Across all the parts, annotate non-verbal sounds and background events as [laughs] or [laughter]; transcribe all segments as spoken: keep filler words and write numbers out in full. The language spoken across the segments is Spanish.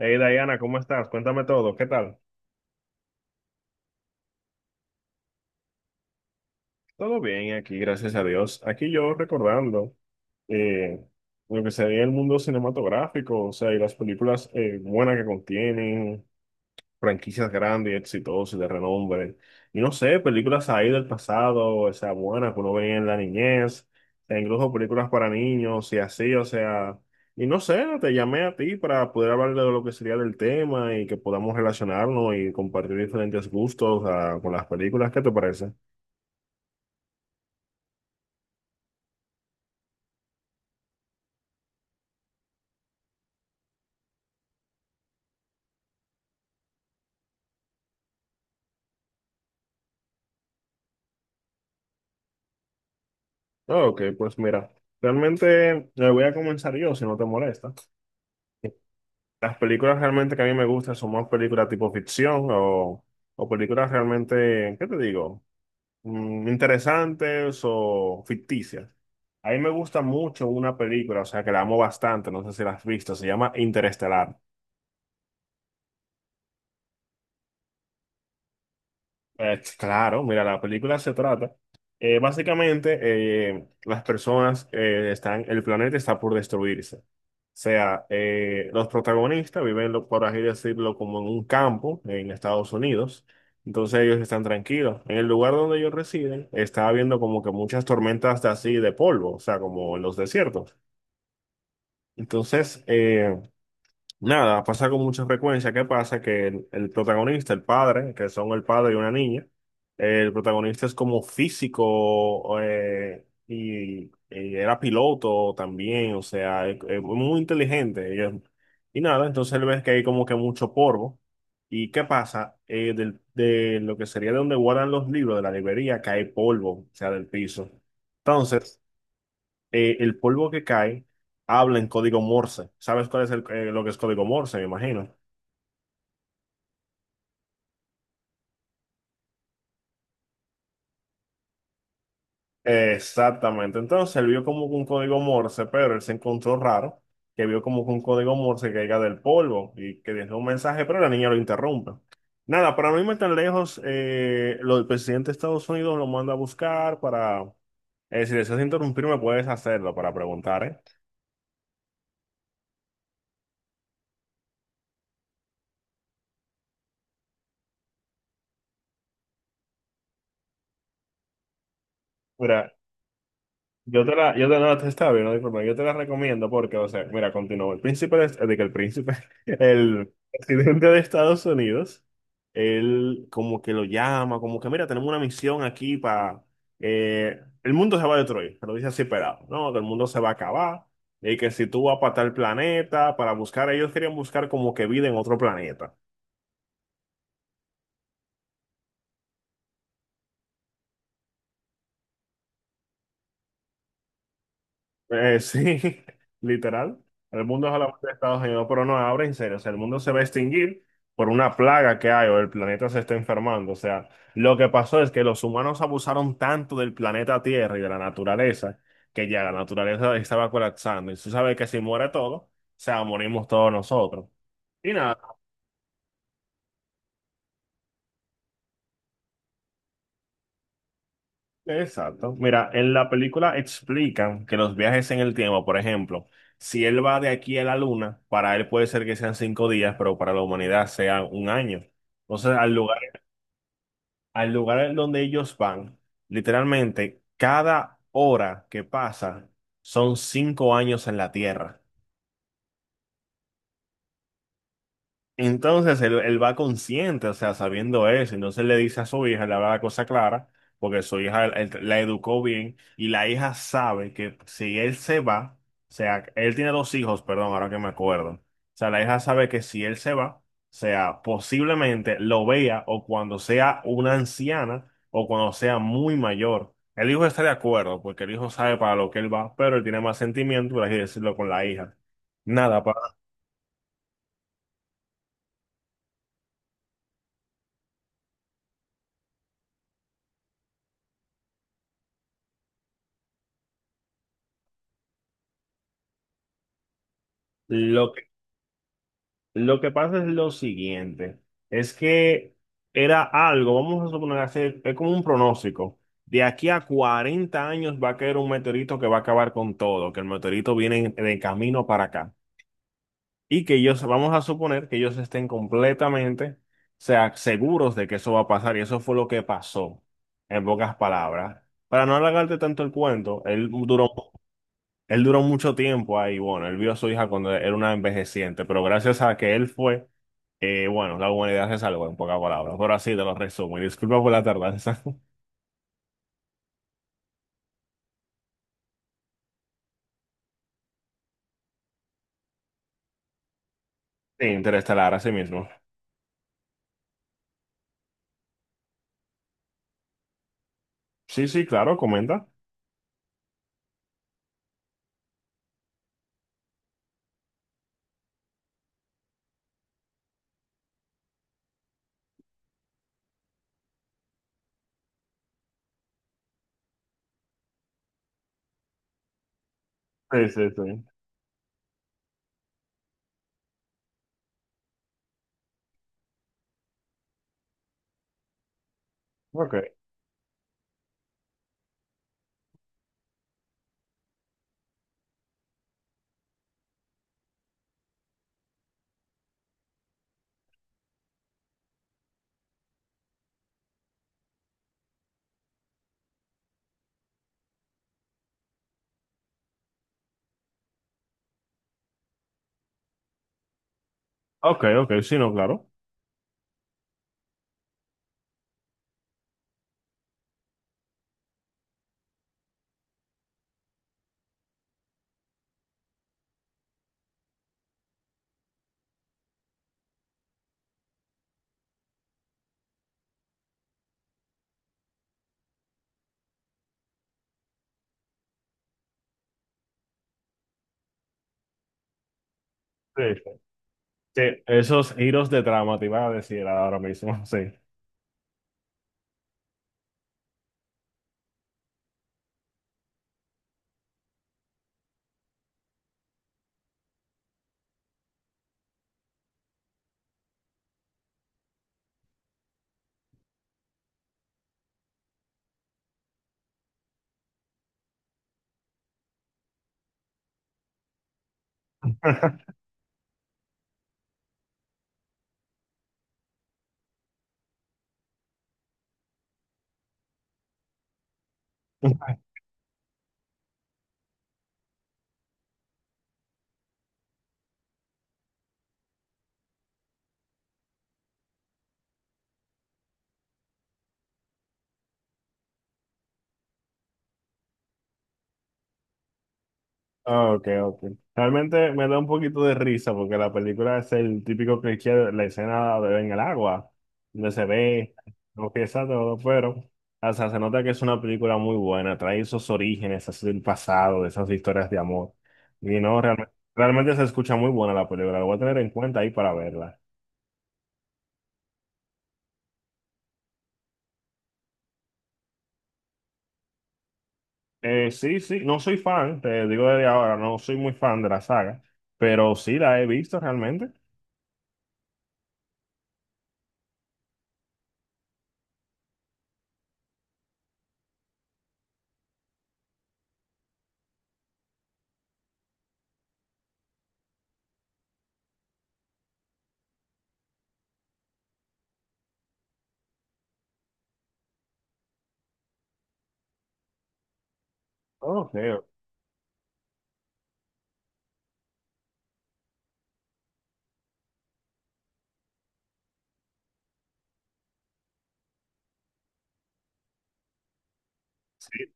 Hey Diana, ¿cómo estás? Cuéntame todo, ¿qué tal? Todo bien aquí, gracias a Dios. Aquí yo recordando eh, lo que sería el mundo cinematográfico, o sea, y las películas eh, buenas que contienen, franquicias grandes y exitosas y de renombre. Y no sé, películas ahí del pasado, o sea, buenas que uno veía en la niñez, e incluso películas para niños y así, o sea, y no sé, te llamé a ti para poder hablar de lo que sería del tema y que podamos relacionarnos y compartir diferentes gustos, ah, con las películas, ¿qué te parece? Ah, ok, pues mira, realmente eh, voy a comenzar yo, si no te molesta. Las películas realmente que a mí me gustan son más películas tipo ficción o... O películas realmente, ¿qué te digo? mm, interesantes o ficticias. A mí me gusta mucho una película, o sea, que la amo bastante, no sé si la has visto, se llama Interestelar. Eh, claro, mira, la película se trata. Eh, básicamente, eh, las personas eh, están, el planeta está por destruirse. O sea, eh, los protagonistas viven, lo- por así decirlo, como en un campo en Estados Unidos. Entonces ellos están tranquilos. En el lugar donde ellos residen, está habiendo como que muchas tormentas de así de polvo, o sea, como en los desiertos. Entonces, eh, nada, pasa con mucha frecuencia. ¿Qué pasa? Que el, el protagonista, el padre, que son el padre y una niña, eh, el protagonista es como físico eh, y, y era piloto también, o sea, es, es muy inteligente. Y, es- y nada, entonces él ve que hay como que mucho polvo. ¿Y qué pasa? Eh, del- de lo que sería de donde guardan los libros de la librería, cae polvo, o sea, del piso. Entonces eh, el polvo que cae habla en código Morse. ¿Sabes cuál es el- eh, lo que es código Morse? Me imagino. Exactamente. Entonces él vio como que un código Morse, pero él se encontró raro que vio como que un código Morse que caiga del polvo y que dejó un mensaje, pero la niña lo interrumpe. Nada, para no irme tan lejos, eh, lo- el presidente de Estados Unidos lo manda a buscar para... eh, Si deseas interrumpirme, puedes hacerlo para preguntar, ¿eh? Mira, Yo te la, yo te, no, te estaba viendo, disculpa, yo te la recomiendo porque, o sea, mira, continúo. El príncipe, de, de que el príncipe, [laughs] el presidente de Estados Unidos, él como que lo llama, como que, mira, tenemos una misión aquí para, el mundo se va a destruir, pero dice así, pelado, ¿no? Que el mundo se va a acabar y que si tú vas para tal planeta, para buscar, ellos querían buscar como que vida en otro planeta. Eh, sí, [laughs] literal. El mundo es a la muerte de Estados Unidos, pero no, ahora en serio, o sea, el mundo se va a extinguir por una plaga que hay o el planeta se está enfermando. O sea, lo que pasó es que los humanos abusaron tanto del planeta Tierra y de la naturaleza que ya la naturaleza estaba colapsando. Y tú sabes que si muere todo, o sea, morimos todos nosotros. Y nada, exacto. Mira, en la película explican que los viajes en el tiempo, por ejemplo, si él va de aquí a la luna, para él puede ser que sean cinco días, pero para la humanidad sea un año. Entonces, al lugar, al lugar donde ellos van, literalmente, cada hora que pasa son cinco años en la Tierra. Entonces él, él va consciente, o sea, sabiendo eso, entonces le dice a su hija, le habla la cosa clara, porque su hija él- la educó bien y la hija sabe que si él se va, o sea, él tiene dos hijos, perdón, ahora que me acuerdo, o sea, la hija sabe que si él se va, o sea, posiblemente lo vea o cuando sea una anciana o cuando sea muy mayor. El hijo está de acuerdo, porque el hijo sabe para lo que él va, pero él tiene más sentimiento, por así decirlo, con la hija. Nada, para... Lo que Lo que pasa es lo siguiente, es que era algo, vamos a suponer, hacer, es como un pronóstico. De aquí a cuarenta años va a caer un meteorito que va a acabar con todo, que el meteorito viene en- de camino para acá. Y que ellos, vamos a suponer que ellos estén completamente, o sea, seguros de que eso va a pasar. Y eso fue lo que pasó, en pocas palabras. Para no alargarte tanto el cuento, él duró, él duró mucho tiempo ahí. Bueno, él vio a su hija cuando era una envejeciente, pero gracias a que él fue eh, bueno, la humanidad se salvó en pocas palabras, pero así te lo resumo y disculpa por la tardanza. [laughs] Sí, Interestelar, así mismo. Sí, sí, claro, comenta. Sí, sí, sí. Ok, ok, ok, sí, no, claro. Sí, sí. Sí, esos giros de trama te iba a decir ahora mismo, sí. [laughs] Ah, ok, ok. Realmente me da un poquito de risa porque la película es el típico cliché de la escena de en el agua, donde se ve, lo que todo, pero o sea, se nota que es una película muy buena, trae esos orígenes así del pasado, de esas historias de amor. Y no, realmente, realmente se escucha muy buena la película, lo voy a tener en cuenta ahí para verla. Eh, sí, sí, no soy fan, te digo desde ahora, no soy muy fan de la saga, pero sí la he visto realmente. Ok, ok. Sí.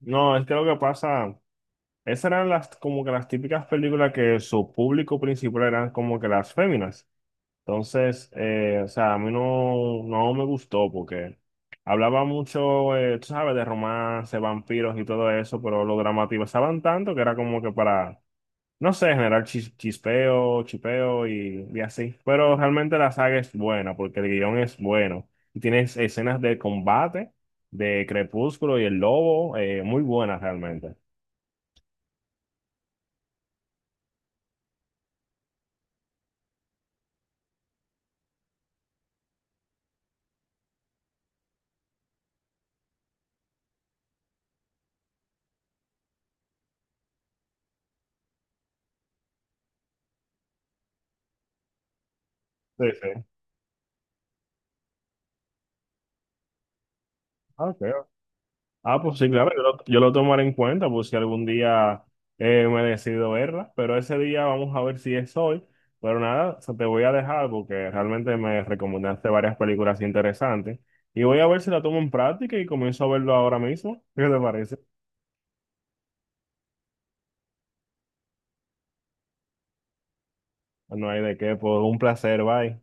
No, es que lo que pasa. Esas eran las, como que las típicas películas que su público principal eran como que las féminas. Entonces, eh, o sea, a mí no, no me gustó porque hablaba mucho, eh, tú sabes, de romance, vampiros y todo eso, pero lo dramatizaban tanto que era como que para, no sé, generar chis- chispeo, chipeo y, y así. Pero realmente la saga es buena porque el guión es bueno. Y tienes escenas de combate, de Crepúsculo y el Lobo, eh, muy buenas realmente. Sí, sí. Ok. Ah, pues sí, claro, yo lo, yo lo tomaré en cuenta, pues si algún día eh, me decido verla, pero ese día vamos a ver si es hoy. Pero nada, o sea, te voy a dejar porque realmente me recomendaste varias películas interesantes y voy a ver si la tomo en práctica y comienzo a verlo ahora mismo. [laughs] ¿Qué te parece? No hay de qué, pues un placer, bye.